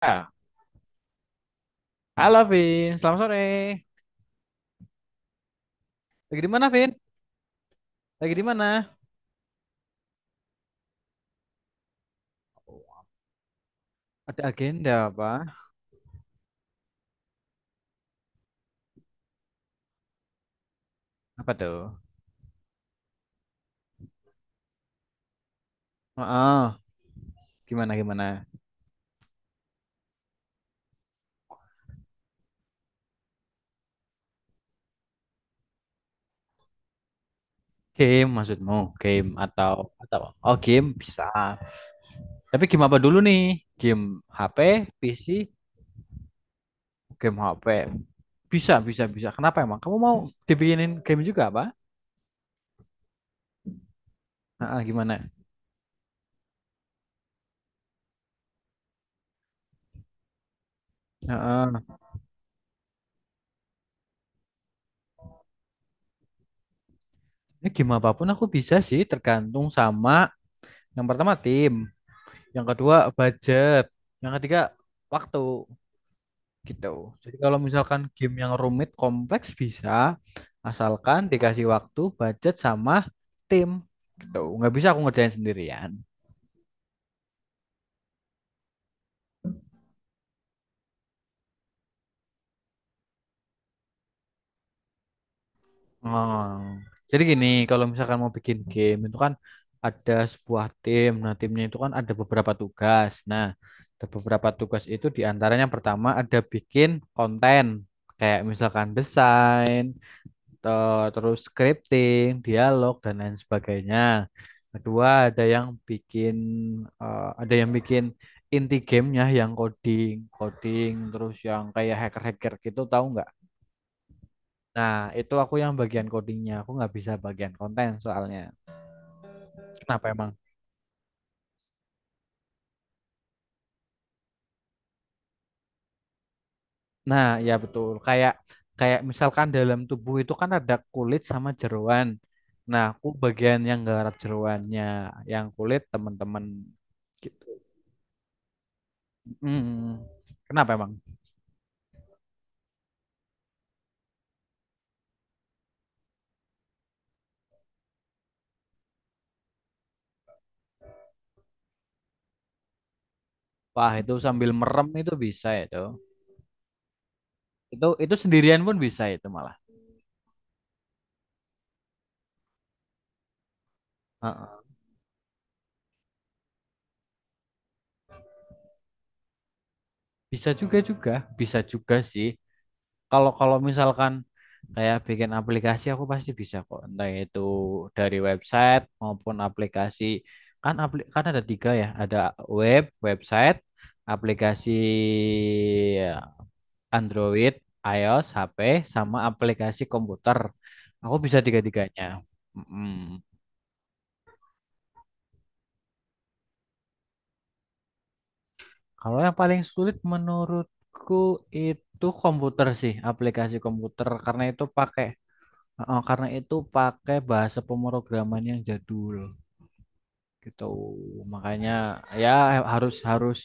Ah, Halo Vin, selamat sore. Lagi di mana, Vin? Lagi di mana? Ada agenda apa? Apa tuh? Heeh. Gimana, gimana? Game maksudmu? Game atau Oh, game bisa. Tapi game apa dulu nih? Game HP, PC, game HP. Bisa, bisa, bisa. Kenapa emang? Kamu mau dibikinin game juga apa? Heeh, gimana? Heeh. Ini game apapun aku bisa sih, tergantung sama yang pertama tim, yang kedua budget, yang ketiga waktu, gitu. Jadi kalau misalkan game yang rumit kompleks bisa, asalkan dikasih waktu, budget sama tim, gitu. Nggak bisa aku ngerjain sendirian. Oh. Jadi gini, kalau misalkan mau bikin game itu kan ada sebuah tim. Nah, timnya itu kan ada beberapa tugas. Nah, ada beberapa tugas itu diantaranya pertama ada bikin konten kayak misalkan desain, terus scripting, dialog dan lain sebagainya. Kedua ada yang bikin, eh, ada yang bikin inti gamenya yang coding terus yang kayak hacker-hacker gitu, tahu nggak? Nah itu aku yang bagian codingnya, aku nggak bisa bagian konten soalnya. Kenapa emang? Nah ya betul, kayak kayak misalkan dalam tubuh itu kan ada kulit sama jeroan. Nah aku bagian yang garap jeroannya, yang kulit teman-teman, gitu. Hmm. Kenapa emang? Wah, itu sambil merem itu bisa itu. Itu sendirian pun bisa itu malah. Heeh. Bisa juga juga, bisa juga sih. Kalau kalau misalkan kayak bikin aplikasi aku pasti bisa kok. Entah itu dari website maupun aplikasi. Kan kan ada tiga ya, ada web, website, aplikasi ya, Android, iOS, HP, sama aplikasi komputer. Aku bisa tiga-tiganya. Mm-mm. Kalau yang paling sulit menurutku itu komputer sih, aplikasi komputer karena itu pakai bahasa pemrograman yang jadul, gitu. Makanya ya harus harus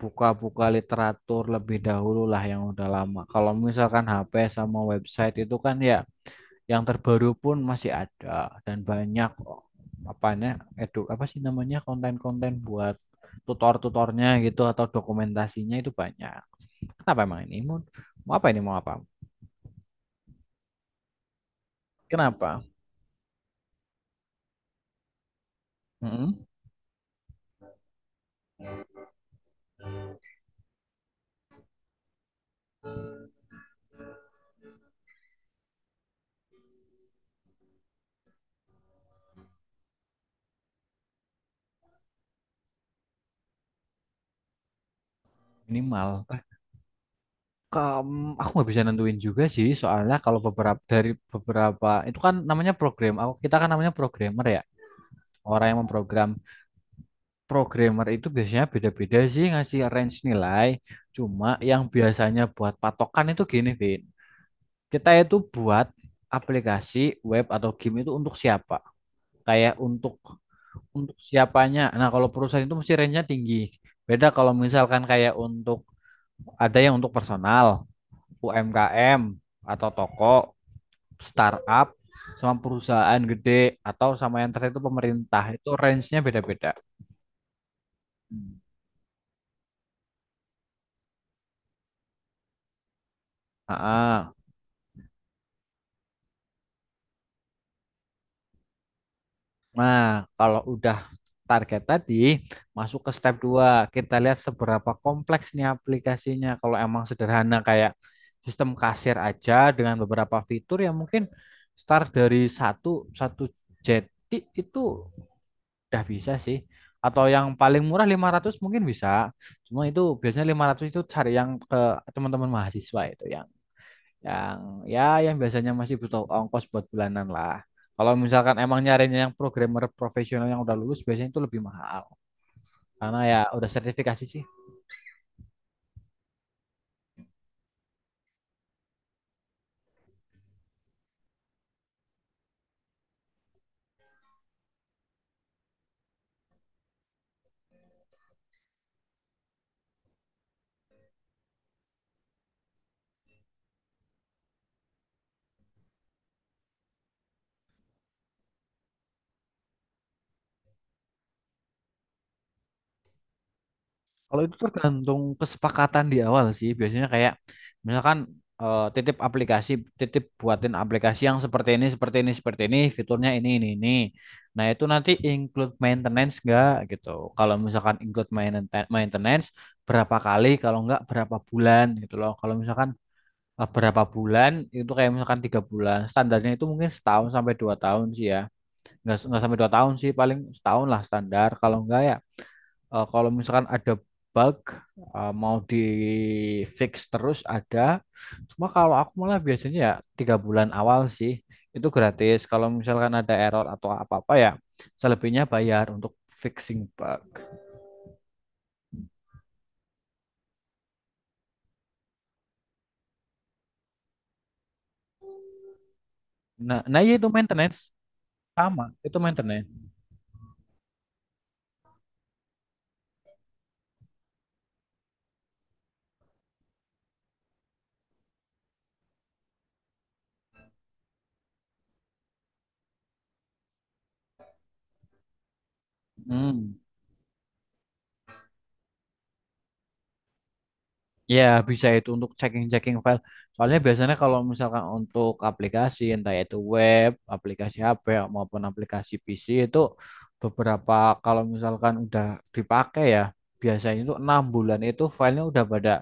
buka-buka literatur lebih dahulu lah yang udah lama. Kalau misalkan HP sama website itu kan ya yang terbaru pun masih ada dan banyak, oh, apanya, edu apa sih namanya, konten-konten buat tutor-tutornya gitu atau dokumentasinya itu banyak. Kenapa emang ini? Mau apa ini? Mau apa? Kenapa? Mm-mm. Minimal. Aku nggak bisa nentuin juga sih, soalnya kalau beberapa dari beberapa itu kan namanya program. Kita kan namanya programmer ya. Orang yang memprogram programmer itu biasanya beda-beda sih ngasih range nilai. Cuma yang biasanya buat patokan itu gini, Vin. Kita itu buat aplikasi web atau game itu untuk siapa? Kayak untuk siapanya. Nah, kalau perusahaan itu mesti range-nya tinggi. Beda kalau misalkan kayak ada yang untuk personal, UMKM atau toko, startup, sama perusahaan gede atau sama yang terakhir itu pemerintah. Itu range-nya beda-beda. Hmm. Ah, ah. Nah, kalau udah target tadi, masuk ke step 2. Kita lihat seberapa kompleks nih aplikasinya. Kalau emang sederhana kayak sistem kasir aja dengan beberapa fitur yang mungkin start dari satu satu jeti itu udah bisa sih. Atau yang paling murah 500 mungkin bisa. Cuma itu biasanya 500 itu cari yang ke teman-teman mahasiswa itu, yang ya yang biasanya masih butuh ongkos buat bulanan lah. Kalau misalkan emang nyarinya yang programmer profesional yang udah lulus biasanya itu lebih mahal karena ya udah sertifikasi sih. Kalau itu tergantung kesepakatan di awal sih. Biasanya kayak misalkan titip aplikasi, titip buatin aplikasi yang seperti ini, seperti ini, seperti ini, fiturnya ini, ini. Nah, itu nanti include maintenance enggak gitu. Kalau misalkan include maintenance berapa kali, kalau nggak berapa bulan gitu loh. Kalau misalkan berapa bulan itu kayak misalkan 3 bulan. Standarnya itu mungkin setahun sampai 2 tahun sih, ya nggak sampai 2 tahun sih, paling setahun lah standar. Kalau nggak ya kalau misalkan ada bug, mau di fix terus ada, cuma kalau aku malah biasanya ya 3 bulan awal sih itu gratis, kalau misalkan ada error atau apa apa ya selebihnya bayar untuk fixing bug. Nah nah iya, itu maintenance sama itu maintenance. Hmm. Ya, bisa itu untuk checking-checking file. Soalnya biasanya kalau misalkan untuk aplikasi, entah itu web, aplikasi HP, maupun aplikasi PC itu beberapa kalau misalkan udah dipakai ya, biasanya itu 6 bulan itu filenya udah pada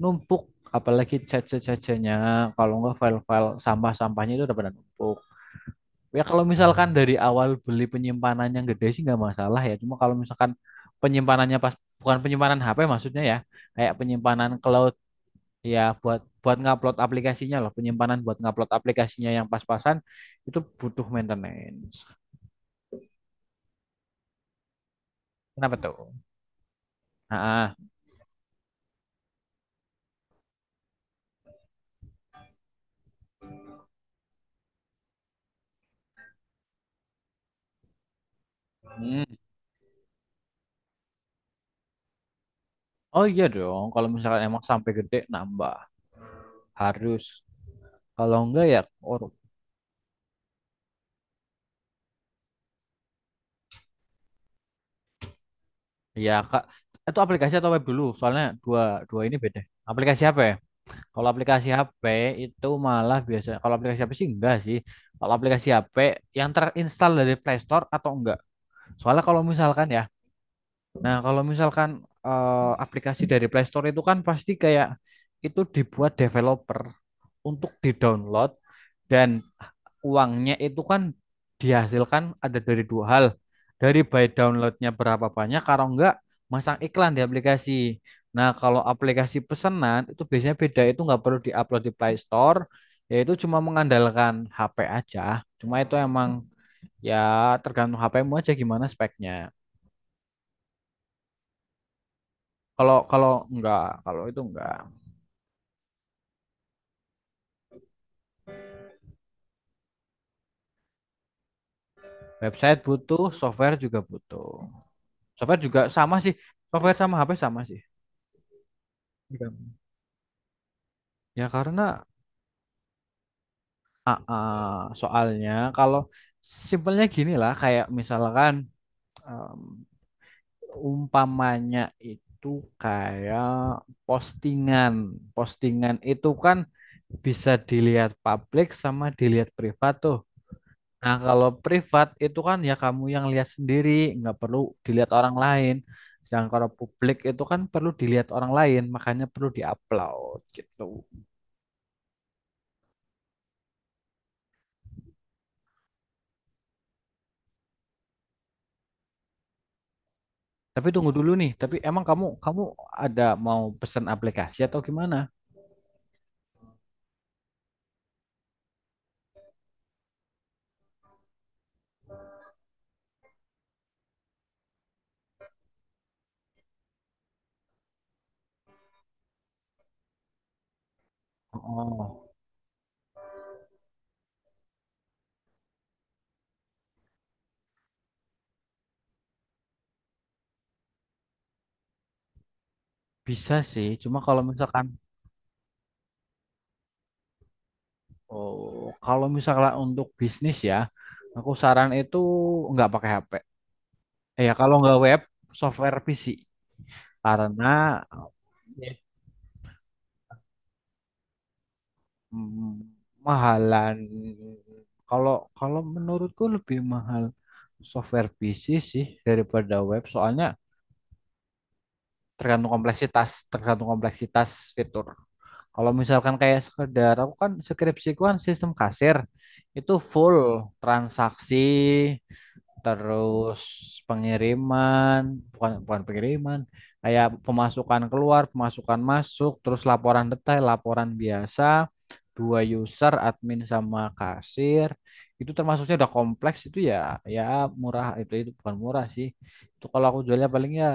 numpuk, apalagi caca-cacanya, kalau nggak file-file sampah-sampahnya itu udah pada numpuk. Ya kalau misalkan dari awal beli penyimpanan yang gede sih nggak masalah ya. Cuma kalau misalkan penyimpanannya pas, bukan penyimpanan HP maksudnya ya, kayak penyimpanan cloud. Ya, buat buat ngupload aplikasinya loh, penyimpanan buat ngupload aplikasinya yang pas-pasan itu butuh maintenance. Kenapa tuh? Nah, hmm. Oh iya dong, kalau misalkan emang sampai gede nambah, harus. Kalau enggak ya, oh, ya kak, itu aplikasi atau web dulu? Soalnya dua dua ini beda. Aplikasi HP. Kalau aplikasi HP itu malah biasa. Kalau aplikasi HP sih enggak sih. Kalau aplikasi HP yang terinstall dari Play Store atau enggak? Soalnya kalau misalkan ya. Nah, kalau misalkan aplikasi dari Play Store itu kan pasti kayak itu dibuat developer untuk di-download dan uangnya itu kan dihasilkan ada dari 2 hal. Dari by downloadnya berapa banyak, kalau enggak masang iklan di aplikasi. Nah, kalau aplikasi pesanan itu biasanya beda, itu nggak perlu diupload di Play Store, yaitu cuma mengandalkan HP aja. Cuma itu emang ya tergantung HP-mu aja gimana speknya. Kalau kalau enggak, kalau itu enggak. Website butuh. Software juga sama sih. Software sama HP sama sih. Juga. Ya karena soalnya kalau simpelnya gini lah kayak misalkan em, umpamanya itu kayak postingan. Postingan itu kan bisa dilihat publik sama dilihat privat tuh. Nah, kalau privat itu kan ya kamu yang lihat sendiri, nggak perlu dilihat orang lain. Sedangkan kalau publik itu kan perlu dilihat orang lain, makanya perlu diupload gitu. Tapi tunggu dulu nih, tapi emang kamu kamu ada mau pesan aplikasi atau gimana? Oh, bisa sih. Cuma kalau misalkan untuk bisnis ya, aku saran itu nggak pakai HP. Ya, kalau nggak web, software PC. Karena Hmm, mahalan. Kalau kalau menurutku lebih mahal software PC sih daripada web. Soalnya tergantung kompleksitas fitur. Kalau misalkan kayak sekedar aku kan skripsiku kan sistem kasir itu full transaksi terus pengiriman, bukan, bukan pengiriman, kayak pemasukan keluar, pemasukan masuk, terus laporan detail, laporan biasa, 2 user, admin sama kasir. Itu termasuknya udah kompleks itu ya, ya murah itu bukan murah sih. Itu kalau aku jualnya paling ya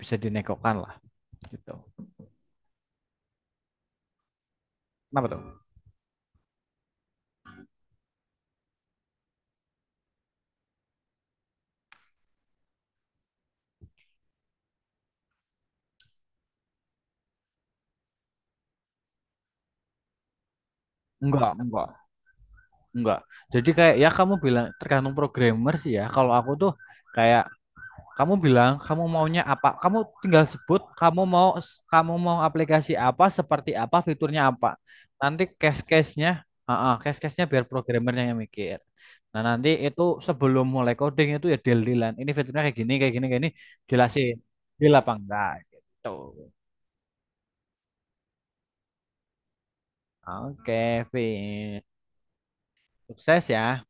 bisa dinegokan lah, gitu. Kenapa tuh? Enggak, enggak. Jadi kayak ya kamu bilang tergantung programmer sih ya. Kalau aku tuh kayak. Kamu bilang kamu maunya apa? Kamu tinggal sebut, kamu mau aplikasi apa, seperti apa, fiturnya apa. Nanti case-case-nya, case-case-nya biar programmernya yang mikir. Nah, nanti itu sebelum mulai coding itu ya deal-dealan. Ini fiturnya kayak gini, kayak gini, kayak ini, jelasin. Deal apa enggak gitu. Oke, Vin. Sukses ya.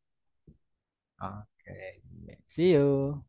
Oke. See you.